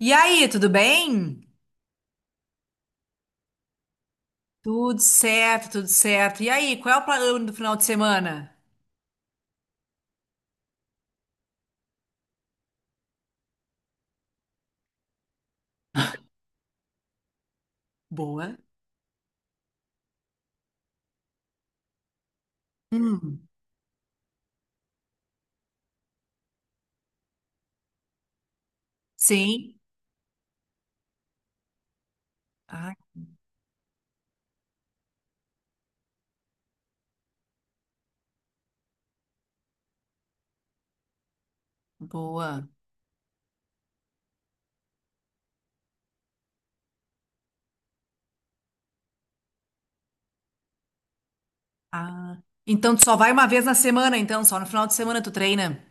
E aí, tudo bem? Tudo certo, tudo certo. E aí, qual é o plano do final de semana? Boa. Hum. Sim. Ah, boa. Ah. Então tu só vai uma vez na semana, então, só no final de semana tu treina.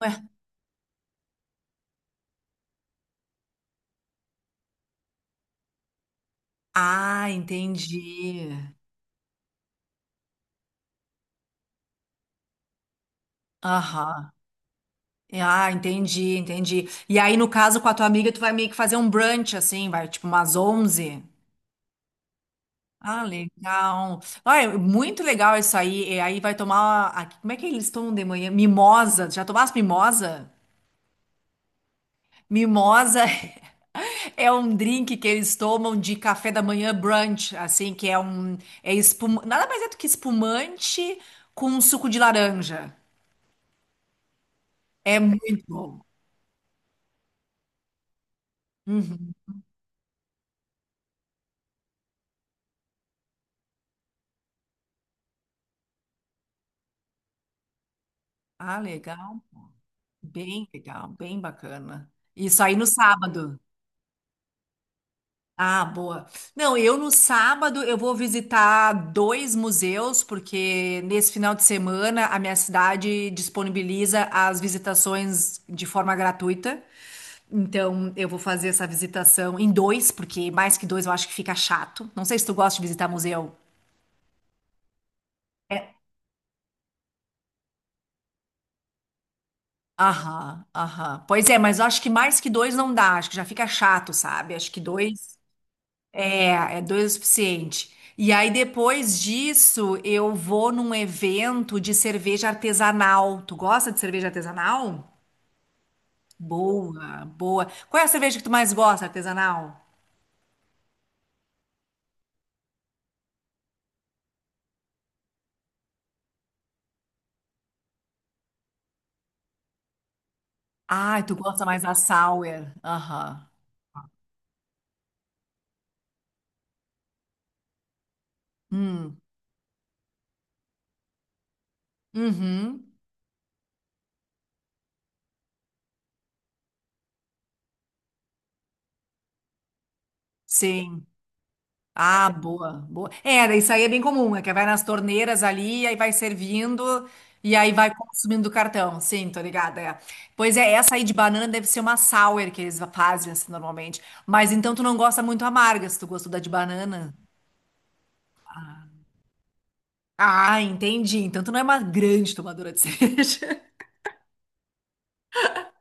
Ué. Ah, entendi. Aham. Ah, entendi, entendi. E aí, no caso, com a tua amiga, tu vai meio que fazer um brunch, assim, vai tipo umas 11. Ah, legal. Ah, é muito legal isso aí. E aí vai tomar aqui. Como é que eles tomam de manhã? Mimosa. Já tomaste mimosa? Mimosa é um drink que eles tomam de café da manhã brunch, assim, que é um. É espum... Nada mais é do que espumante com suco de laranja. É muito bom. Uhum. Ah, legal. Bem legal, bem bacana. Isso aí no sábado. Ah, boa. Não, eu no sábado eu vou visitar dois museus, porque nesse final de semana a minha cidade disponibiliza as visitações de forma gratuita. Então eu vou fazer essa visitação em dois, porque mais que dois eu acho que fica chato. Não sei se tu gosta de visitar museu. É, aham, aham. Pois é, mas eu acho que mais que dois não dá, acho que já fica chato, sabe? Acho que dois. É, é dois o suficiente. E aí, depois disso, eu vou num evento de cerveja artesanal. Tu gosta de cerveja artesanal? Boa, boa. Qual é a cerveja que tu mais gosta, artesanal? Ah, tu gosta mais da sour. Aham. Uhum. Sim. Ah, boa, boa. É, daí isso aí é bem comum, é que vai nas torneiras ali, aí vai servindo e aí vai consumindo do cartão. Sim, tô ligada, é. Pois é, essa aí de banana deve ser uma sour que eles fazem assim, normalmente. Mas então tu não gosta muito amarga, se tu gostou da de banana. Ah, Ah, entendi. Então tu não é uma grande tomadora de cerveja.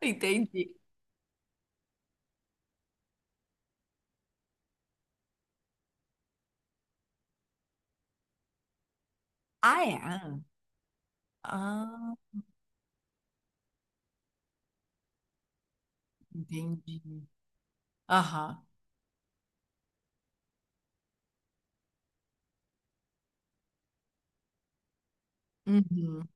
Entendi. Ah, é? Ah, entendi. Aham. Uhum.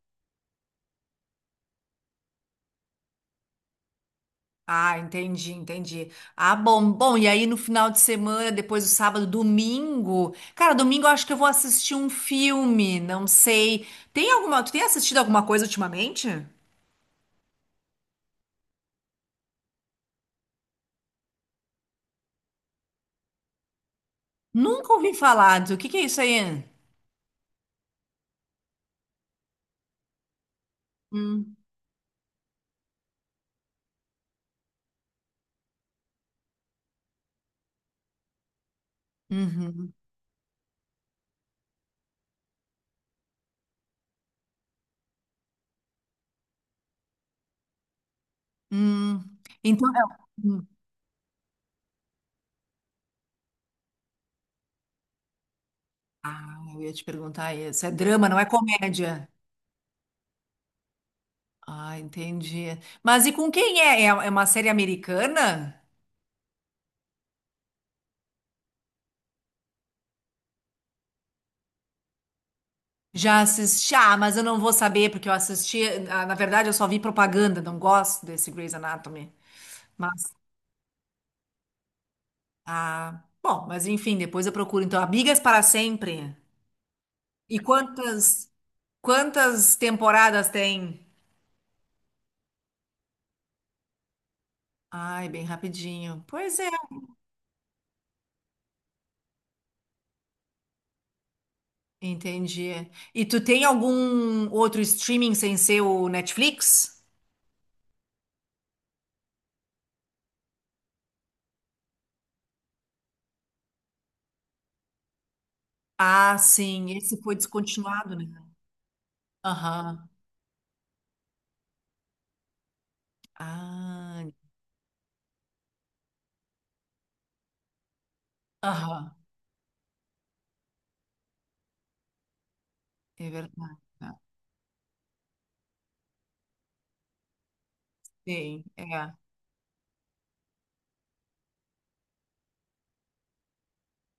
Ah, entendi, entendi. Ah, bom, bom, e aí no final de semana, depois do sábado, domingo. Cara, domingo eu acho que eu vou assistir um filme, não sei. Tem alguma, tu tem assistido alguma coisa ultimamente? Nunca ouvi falar. O que que é isso aí? Hum, uhum, hum. Então, é- um. Ah, eu ia te perguntar isso. É drama, não é comédia. Ah, entendi. Mas e com quem é? É é uma série americana? Já assisti, ah, mas eu não vou saber, porque eu assisti, ah, na verdade eu só vi propaganda, não gosto desse Grey's Anatomy. Mas, ah, bom, mas enfim, depois eu procuro. Então, Amigas para Sempre. E quantas, quantas temporadas tem? Ai, bem rapidinho. Pois é, entendi. E tu tem algum outro streaming sem ser o Netflix? Ah, sim, esse foi descontinuado, né? Aham. Ah, aham, é verdade. Sim, é.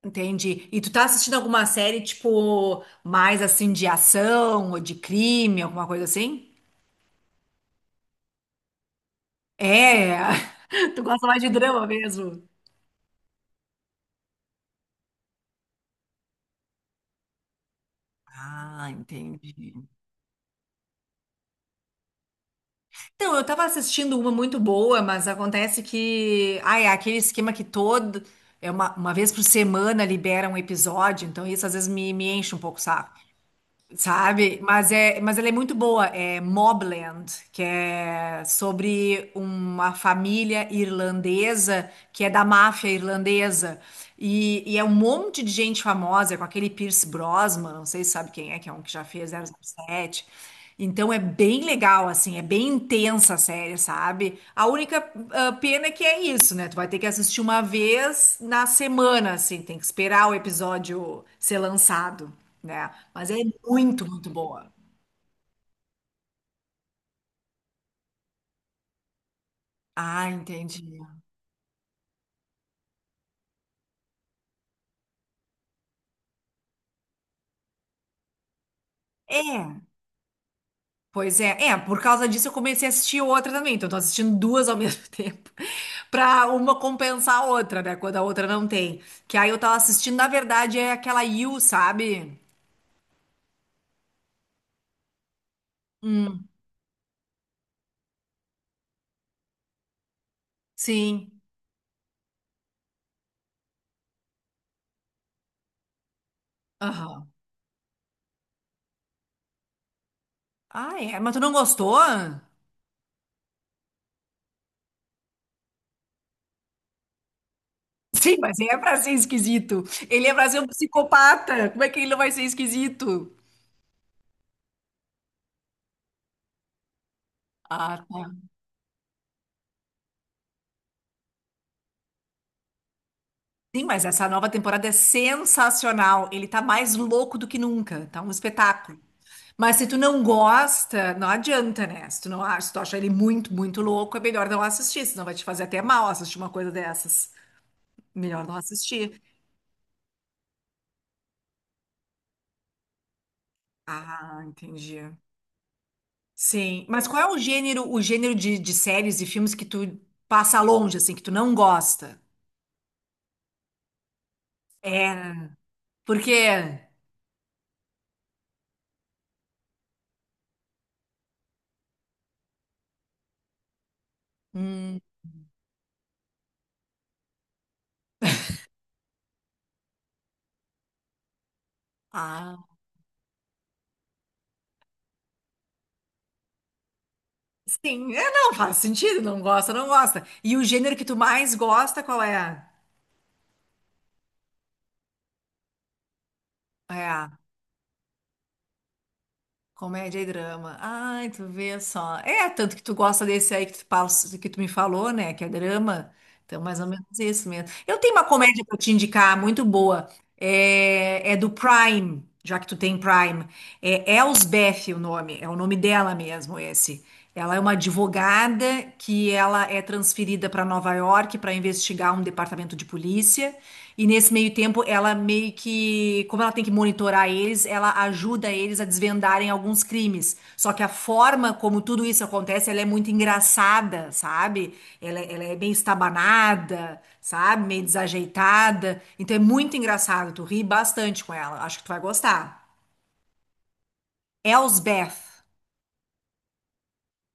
Entendi. E tu tá assistindo alguma série, tipo, mais assim de ação ou de crime, alguma coisa assim? É, tu gosta mais de drama mesmo. Ah, entendi. Então, eu tava assistindo uma muito boa, mas acontece que, ah, é aquele esquema que todo, é uma vez por semana libera um episódio, então isso às vezes me, enche um pouco o saco. Sabe? Mas, é, mas ela é muito boa. É Mobland, que é sobre uma família irlandesa que é da máfia irlandesa. E é um monte de gente famosa, com aquele Pierce Brosnan, não sei se sabe quem é, que é um que já fez 007. Então é bem legal, assim, é bem intensa a série, sabe? A única ah, pena é que é isso, né? Tu vai ter que assistir uma vez na semana, assim, tem que esperar o episódio ser lançado, né? Mas é muito, muito boa. Ah, entendi. É, pois é. É, por causa disso eu comecei a assistir outra também. Então, eu tô assistindo duas ao mesmo tempo. Pra uma compensar a outra, né? Quando a outra não tem. Que aí eu tava assistindo, na verdade, é aquela You, sabe? Hum, sim. Aham. Ah, é? Mas tu não gostou? Sim, mas ele é pra ser esquisito. Ele é pra ser um psicopata. Como é que ele não vai ser esquisito? Ah, tá. Sim, mas essa nova temporada é sensacional. Ele tá mais louco do que nunca. Tá um espetáculo. Mas se tu não gosta, não adianta, né? Se tu não acha, se tu acha ele muito, muito louco, é melhor não assistir, senão vai te fazer até mal assistir uma coisa dessas. Melhor não assistir. Ah, entendi. Sim. Mas qual é o gênero de séries e filmes que tu passa longe, assim, que tu não gosta? Porque. Hum, ah, sim. É, não, faz sentido. Não gosta, não gosta. E o gênero que tu mais gosta, qual é? É. Comédia e drama. Ai, tu vê só. É, tanto que tu gosta desse aí que tu, passa- que tu me falou, né? Que é drama. Então, mais ou menos isso mesmo. Eu tenho uma comédia pra te indicar, muito boa. É, é do Prime, já que tu tem Prime. É Elsbeth o nome, é o nome dela mesmo, esse. Ela é uma advogada que ela é transferida para Nova York para investigar um departamento de polícia. E nesse meio tempo, ela meio que, como ela tem que monitorar eles, ela ajuda eles a desvendarem alguns crimes. Só que a forma como tudo isso acontece, ela é muito engraçada, sabe? Ela é bem estabanada, sabe? Meio desajeitada. Então é muito engraçado, tu ri bastante com ela. Acho que tu vai gostar. Elsbeth.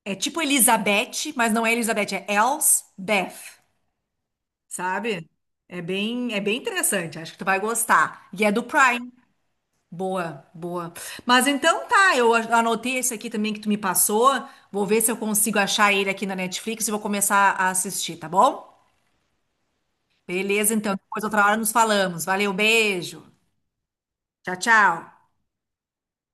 É tipo Elizabeth, mas não é Elizabeth, é Elsbeth, sabe? É bem interessante, acho que tu vai gostar. E é do Prime. Boa, boa. Mas então tá, eu anotei esse aqui também que tu me passou. Vou ver se eu consigo achar ele aqui na Netflix e vou começar a assistir, tá bom? Beleza, então. Depois outra hora nos falamos. Valeu, beijo. Tchau, tchau.